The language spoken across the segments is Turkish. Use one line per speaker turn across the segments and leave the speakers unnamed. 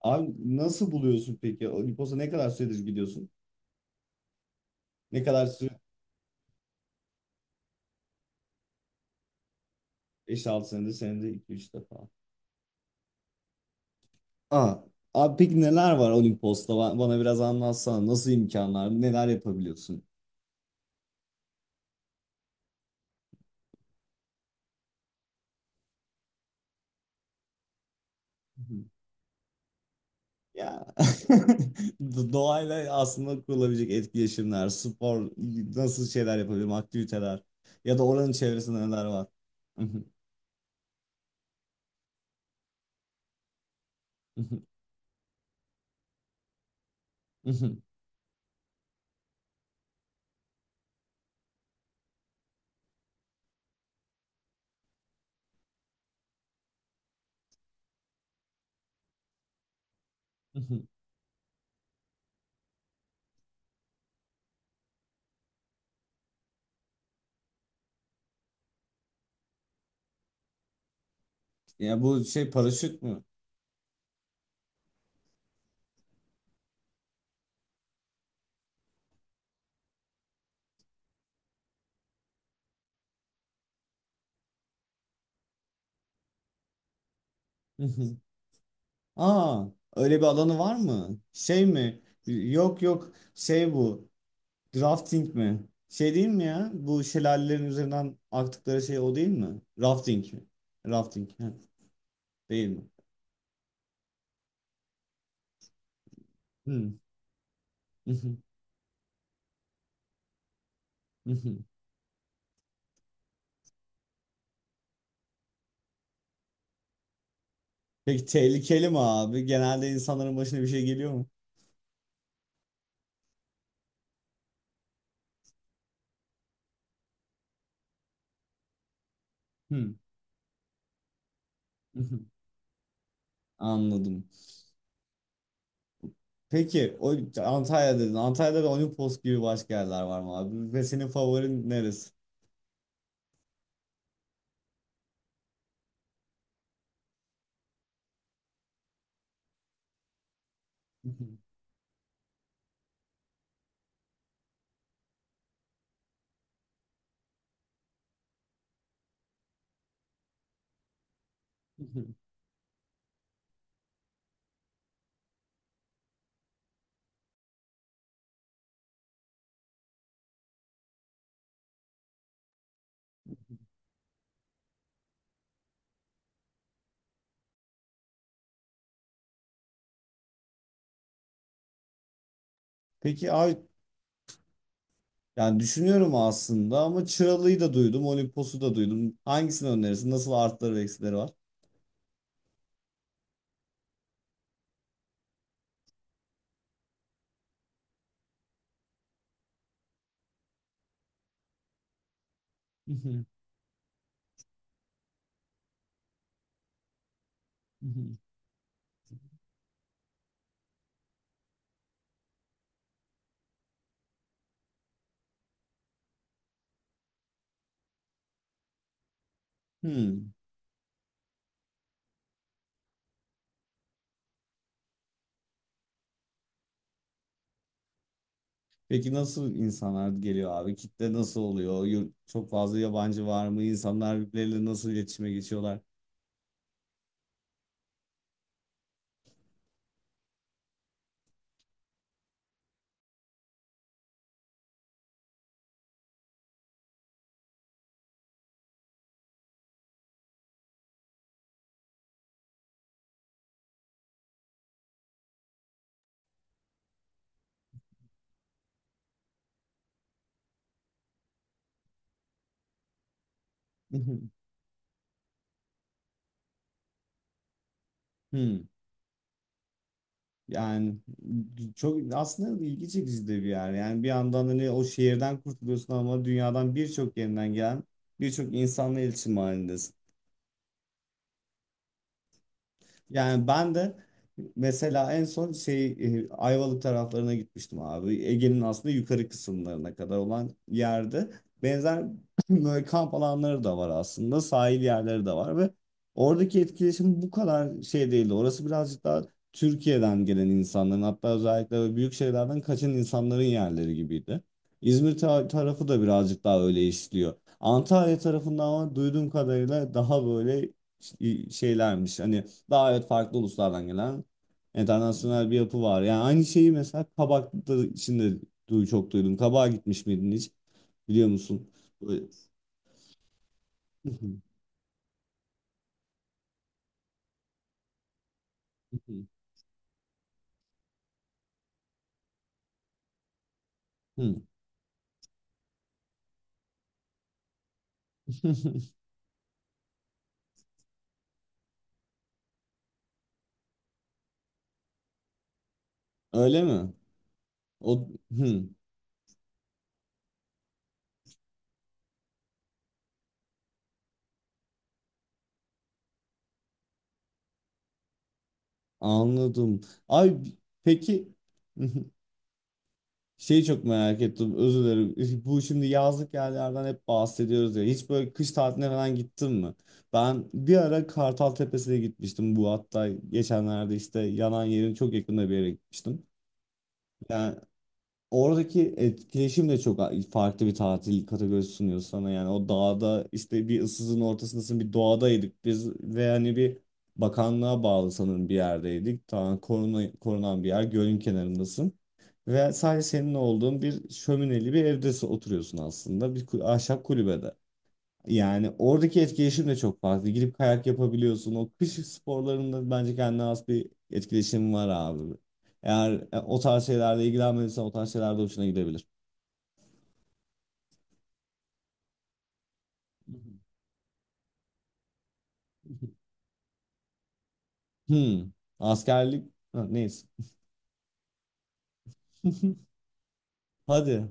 Abi nasıl buluyorsun peki? O Olimpos'a ne kadar süredir gidiyorsun? Ne kadar süre? 5-6 senedir, senede iki üç defa. Aa, abi peki neler var Olimpos'ta? Bana biraz anlatsana. Nasıl imkanlar? Neler yapabiliyorsun? Hı. Ya doğayla aslında kurulabilecek etkileşimler, spor, nasıl şeyler yapabilirim, aktiviteler ya da oranın çevresinde neler var? Ya bu şey paraşüt mü? Aa, öyle bir alanı var mı? Şey mi? Yok yok. Şey bu. Drafting mi? Şey değil mi ya? Bu şelalelerin üzerinden aktıkları şey o değil mi? Rafting mi? Rafting. Değil mi? Hmm. Peki tehlikeli mi abi? Genelde insanların başına bir şey geliyor mu? Hmm. Anladım. Peki o Antalya dedin. Antalya'da da Olimpos gibi başka yerler var mı abi? Ve senin favorin neresi? Peki abi, yani düşünüyorum aslında ama Çıralı'yı da duydum, Olimpos'u da duydum. Hangisini önerirsin? Nasıl artıları ve eksileri var? Hı hı, hı hı. Hmm. Peki nasıl insanlar geliyor abi? Kitle nasıl oluyor? Çok fazla yabancı var mı? İnsanlar birbirleriyle nasıl iletişime geçiyorlar? Hı hı. Hmm. Yani çok aslında ilgi çekici de bir yer. Yani bir yandan hani o şehirden kurtuluyorsun ama dünyadan birçok yerinden gelen birçok insanla iletişim halindesin. Yani ben de mesela en son şey Ayvalık taraflarına gitmiştim abi. Ege'nin aslında yukarı kısımlarına kadar olan yerde benzer böyle kamp alanları da var aslında. Sahil yerleri de var ve oradaki etkileşim bu kadar şey değildi. Orası birazcık daha Türkiye'den gelen insanların, hatta özellikle böyle büyük şehirlerden kaçan insanların yerleri gibiydi. İzmir tarafı da birazcık daha öyle işliyor. Antalya tarafından ama duyduğum kadarıyla daha böyle şeylermiş. Hani daha evet farklı uluslardan gelen internasyonel bir yapı var. Yani aynı şeyi mesela kabakta içinde çok duydum. Kabağa gitmiş miydin hiç? Biliyor musun? Böyle- Hı. Öyle mi? O hı, anladım. Ay peki şeyi çok merak ettim. Özür dilerim. Bu şimdi yazlık yerlerden hep bahsediyoruz ya. Hiç böyle kış tatiline falan gittin mi? Ben bir ara Kartal Tepesi'ne gitmiştim. Bu hatta geçenlerde işte yanan yerin çok yakında bir yere gitmiştim. Yani. Oradaki etkileşim de çok farklı bir tatil kategorisi sunuyor sana. Yani o dağda işte bir ıssızın ortasındasın, bir doğadaydık biz ve hani bir bakanlığa bağlı sanırım bir yerdeydik, tamam, korunan bir yer, gölün kenarındasın ve sadece senin olduğun bir şömineli bir evde oturuyorsun, aslında bir ahşap kulübede. Yani oradaki etkileşim de çok fazla. Gidip kayak yapabiliyorsun. O kış sporlarında bence kendine has bir etkileşim var abi. Eğer o tarz şeylerle ilgilenmediysen o tarz şeyler de hoşuna gidebilir. Hı hı. Hmm. Askerlik. Ha, neyse. Hadi.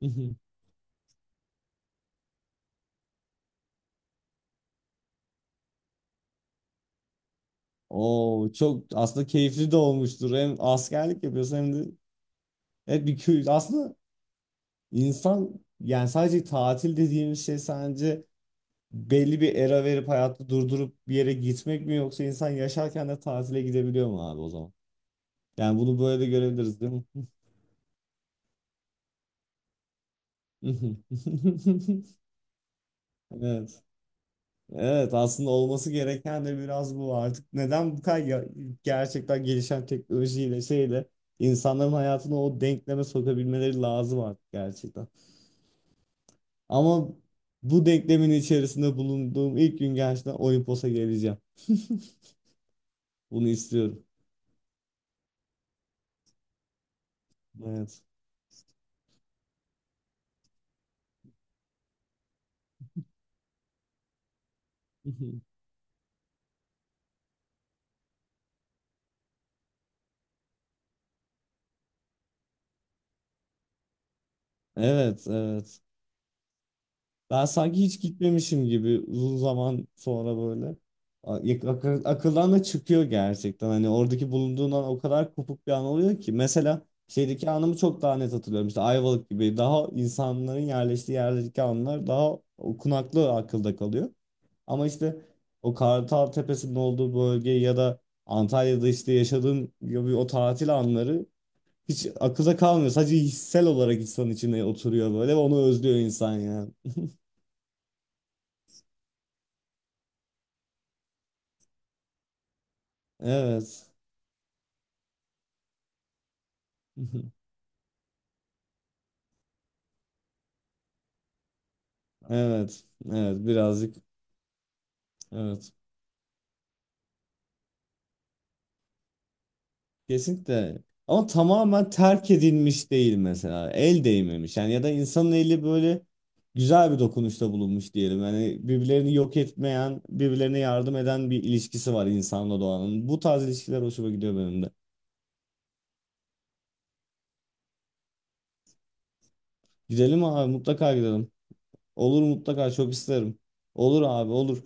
Oo, çok aslında keyifli de olmuştur. Hem askerlik yapıyorsun hem de evet bir aslında insan, yani sadece tatil dediğimiz şey sence belli bir era verip hayatı durdurup bir yere gitmek mi, yoksa insan yaşarken de tatile gidebiliyor mu abi o zaman? Yani bunu böyle de görebiliriz değil mi? Evet. Evet, aslında olması gereken de biraz bu artık. Neden bu kadar gerçekten gelişen teknolojiyle şeyle insanların hayatını o denkleme sokabilmeleri lazım artık gerçekten. Ama bu denklemin içerisinde bulunduğum ilk gün gerçekten Olimpos'a geleceğim. Bunu istiyorum. Evet. Evet, evet. Ben sanki hiç gitmemişim gibi uzun zaman sonra böyle. Akıldan da çıkıyor gerçekten. Hani oradaki bulunduğundan o kadar kopuk bir an oluyor ki. Mesela şeydeki anımı çok daha net hatırlıyorum. İşte Ayvalık gibi daha insanların yerleştiği yerdeki anlar daha okunaklı akılda kalıyor. Ama işte o Kartal Tepesi'nin olduğu bölge ya da Antalya'da işte yaşadığım gibi o tatil anları hiç akılda kalmıyor. Sadece hissel olarak insan içine oturuyor böyle ve onu özlüyor insan yani. Evet. Evet, evet, birazcık evet. Kesinlikle. Ama tamamen terk edilmiş değil mesela. El değmemiş. Yani ya da insanın eli böyle güzel bir dokunuşta bulunmuş diyelim. Yani birbirlerini yok etmeyen, birbirlerine yardım eden bir ilişkisi var insanla doğanın. Bu tarz ilişkiler hoşuma gidiyor benim de. Gidelim abi, mutlaka gidelim. Olur, mutlaka çok isterim. Olur abi, olur.